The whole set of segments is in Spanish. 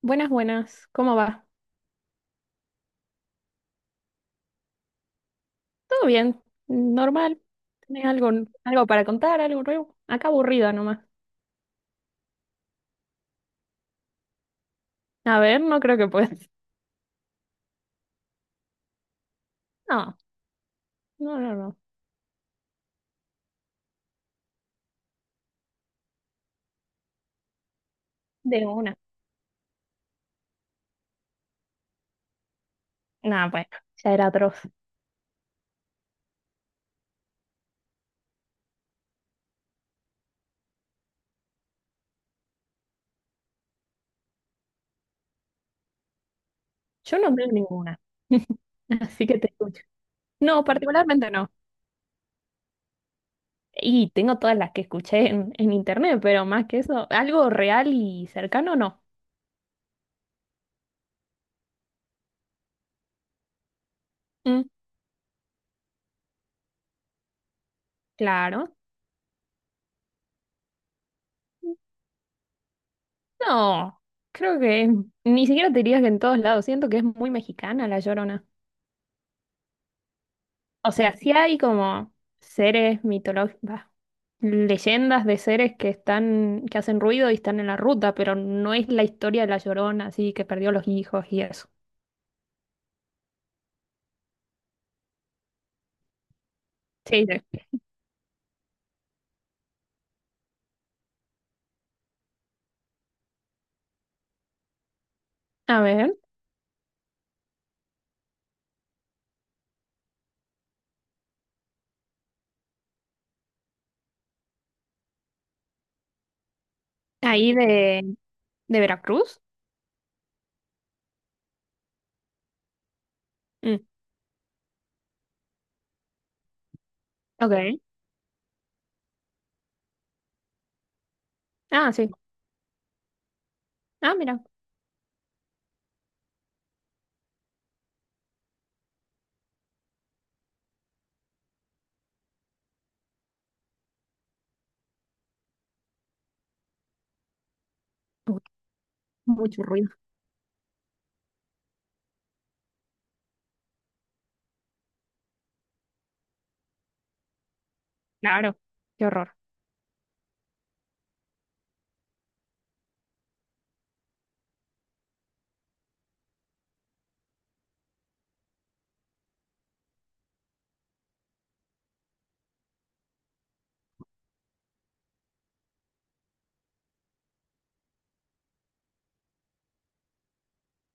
Buenas, buenas. ¿Cómo va? ¿Todo bien? ¿Normal? ¿Tenés algo, algo para contar? ¿Algo nuevo? Acá aburrida nomás. A ver, no creo que puedas. No, no, no, no. De una. No, bueno, ya era atroz. Yo no tengo ninguna. Así que te escucho. No, particularmente no. Y tengo todas las que escuché en internet, pero más que eso, algo real y cercano, no. Mm, claro. No, creo que ni siquiera te diría que en todos lados. Siento que es muy mexicana la Llorona. O sea, sí hay como seres mitológicos, leyendas de seres que están, que hacen ruido y están en la ruta, pero no es la historia de la Llorona, así que perdió los hijos y eso. Sí, sí. A ver, ahí de Veracruz. Mm, ok. Ah, sí. Ah, mira. Uy, mucho ruido. Claro. Qué horror.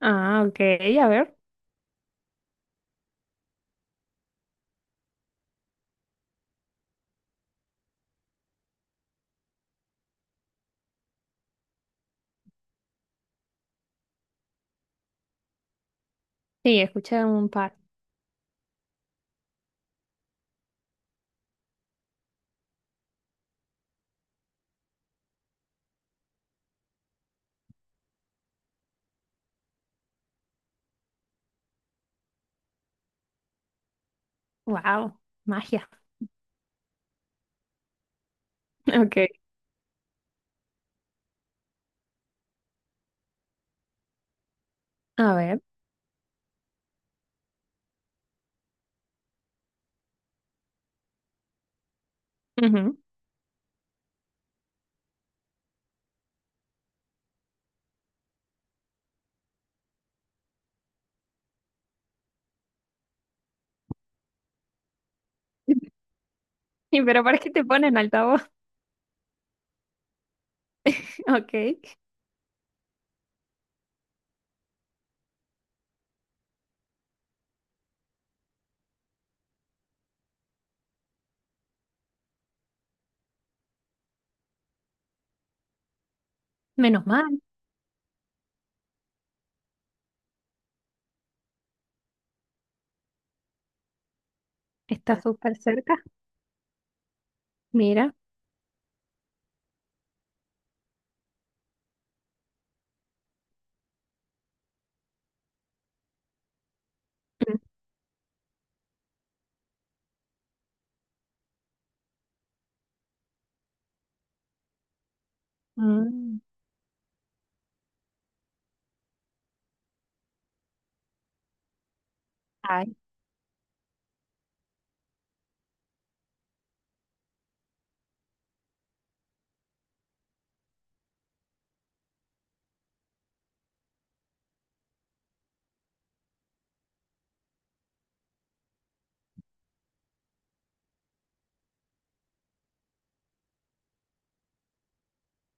Ah, ok. A ver. Sí, escuché un par. Wow. Magia. Ok. A ver. Ujú. ¿Y pero para qué te ponen altavoz? Ok. Menos mal. Está súper cerca. Mira. Mm. Ay,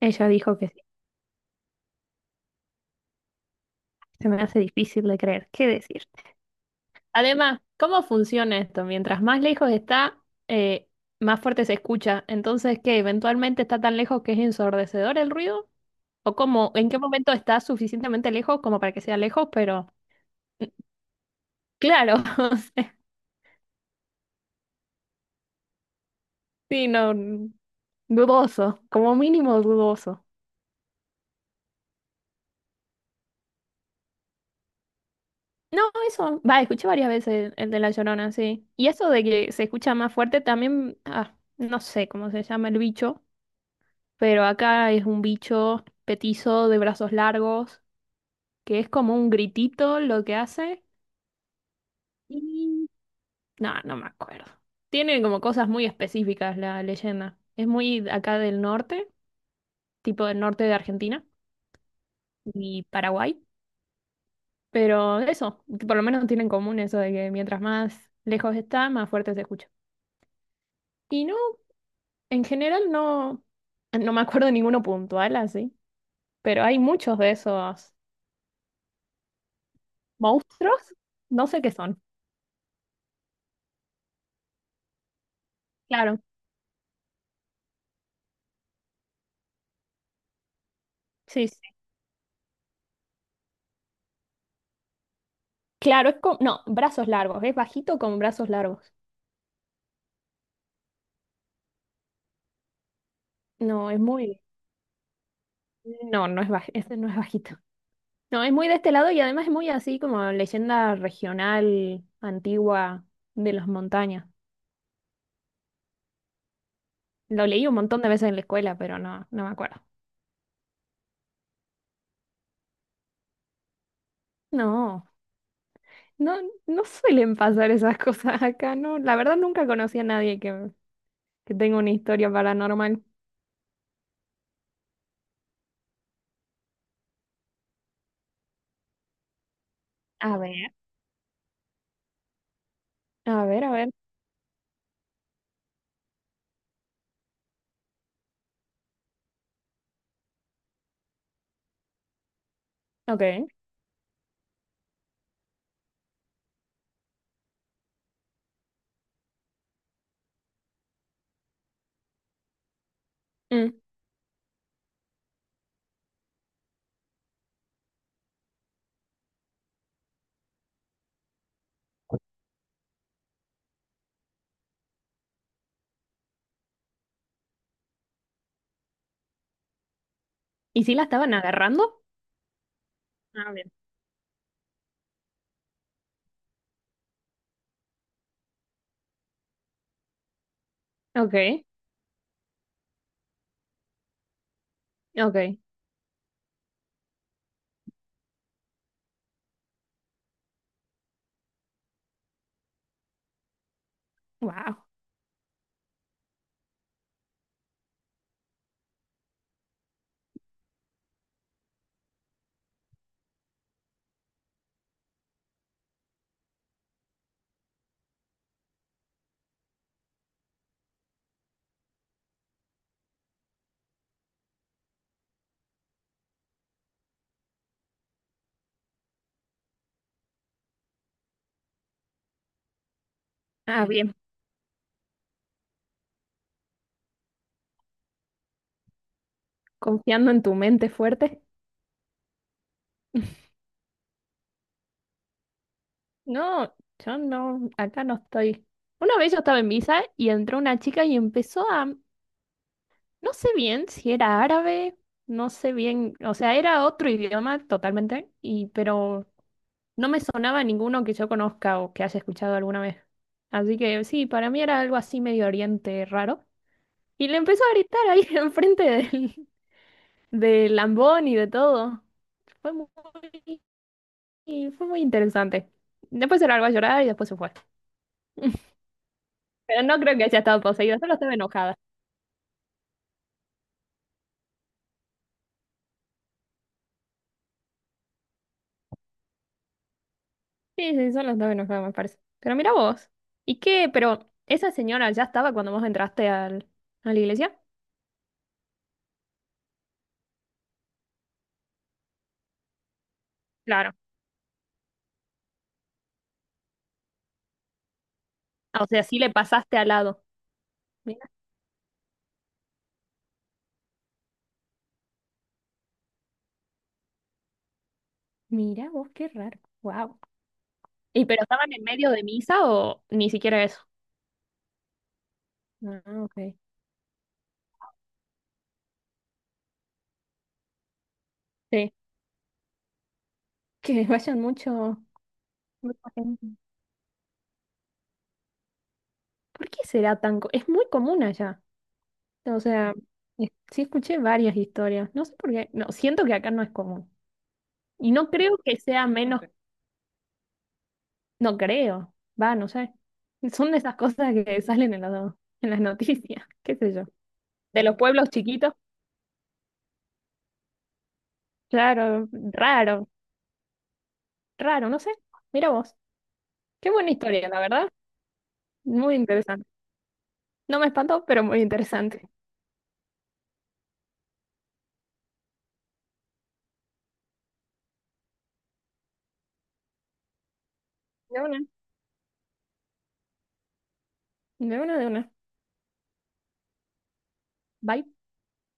ella dijo que sí. Se me hace difícil de creer. ¿Qué decirte? Además, ¿cómo funciona esto? Mientras más lejos está, eh, más fuerte se escucha. Entonces, ¿qué? ¿Eventualmente está tan lejos que es ensordecedor el ruido? ¿O cómo? ¿En qué momento está suficientemente lejos como para que sea lejos? Pero mm, claro, o sea, sí, no, dudoso, como mínimo dudoso. No, eso, va, escuché varias veces el de La Llorona, sí. Y eso de que se escucha más fuerte también, ah, no sé cómo se llama el bicho, pero acá es un bicho petizo de brazos largos, que es como un gritito lo que hace. Y no, no me acuerdo. Tiene como cosas muy específicas la leyenda. Es muy de acá del norte, tipo del norte de Argentina y Paraguay. Pero eso, por lo menos tienen en común eso de que mientras más lejos está, más fuerte se escucha. Y no. En general no, no me acuerdo de ninguno puntual así, pero hay muchos de esos monstruos. No sé qué son. Claro, sí, sí. Claro, es como, no, brazos largos, es bajito con brazos largos. No, es muy, no, no es baj, este no es bajito. No, es muy de este lado y además es muy así como leyenda regional antigua de las montañas. Lo leí un montón de veces en la escuela, pero no, no me acuerdo. No, no, no suelen pasar esas cosas acá, no. La verdad nunca conocí a nadie que que tengo una historia paranormal. A ver, a ver, a ver. Ok. Mm. ¿Y si la estaban agarrando? A ver, ok, ok. Wow. Ah, bien. Confiando en tu mente fuerte. No, yo no, acá no estoy. Una vez yo estaba en misa y entró una chica y empezó a, no sé bien si era árabe, no sé bien, o sea, era otro idioma totalmente, y pero no me sonaba ninguno que yo conozca o que haya escuchado alguna vez. Así que sí, para mí era algo así medio oriente raro. Y le empezó a gritar ahí enfrente del, del Lambón y de todo. Fue muy, y fue muy interesante. Después se largó a llorar y después se fue. Pero no creo que haya estado poseída, solo estaba enojada. Sí, sí, solo estaba enojada, me parece. Pero mira vos. ¿Y qué? Pero esa señora ya estaba cuando vos entraste al, a la iglesia. Claro. Ah, o sea, sí le pasaste al lado. Mira vos, qué raro. Wow. ¿Y pero estaban en medio de misa o ni siquiera eso? Ah, ok. Sí, que vayan mucho, mucha gente. ¿Por qué será tan... co- Es muy común allá. O sea, es- sí escuché varias historias. No sé por qué. No, siento que acá no es común. Y no creo que sea menos... Ok. No creo. Va, no sé. Son de esas cosas que salen en las noticias. ¿Qué sé yo? De los pueblos chiquitos. Claro, raro, raro, no sé. Mira vos. Qué buena historia, la verdad. Muy interesante. No me espanto pero muy interesante. De una. De una, de una. Bye.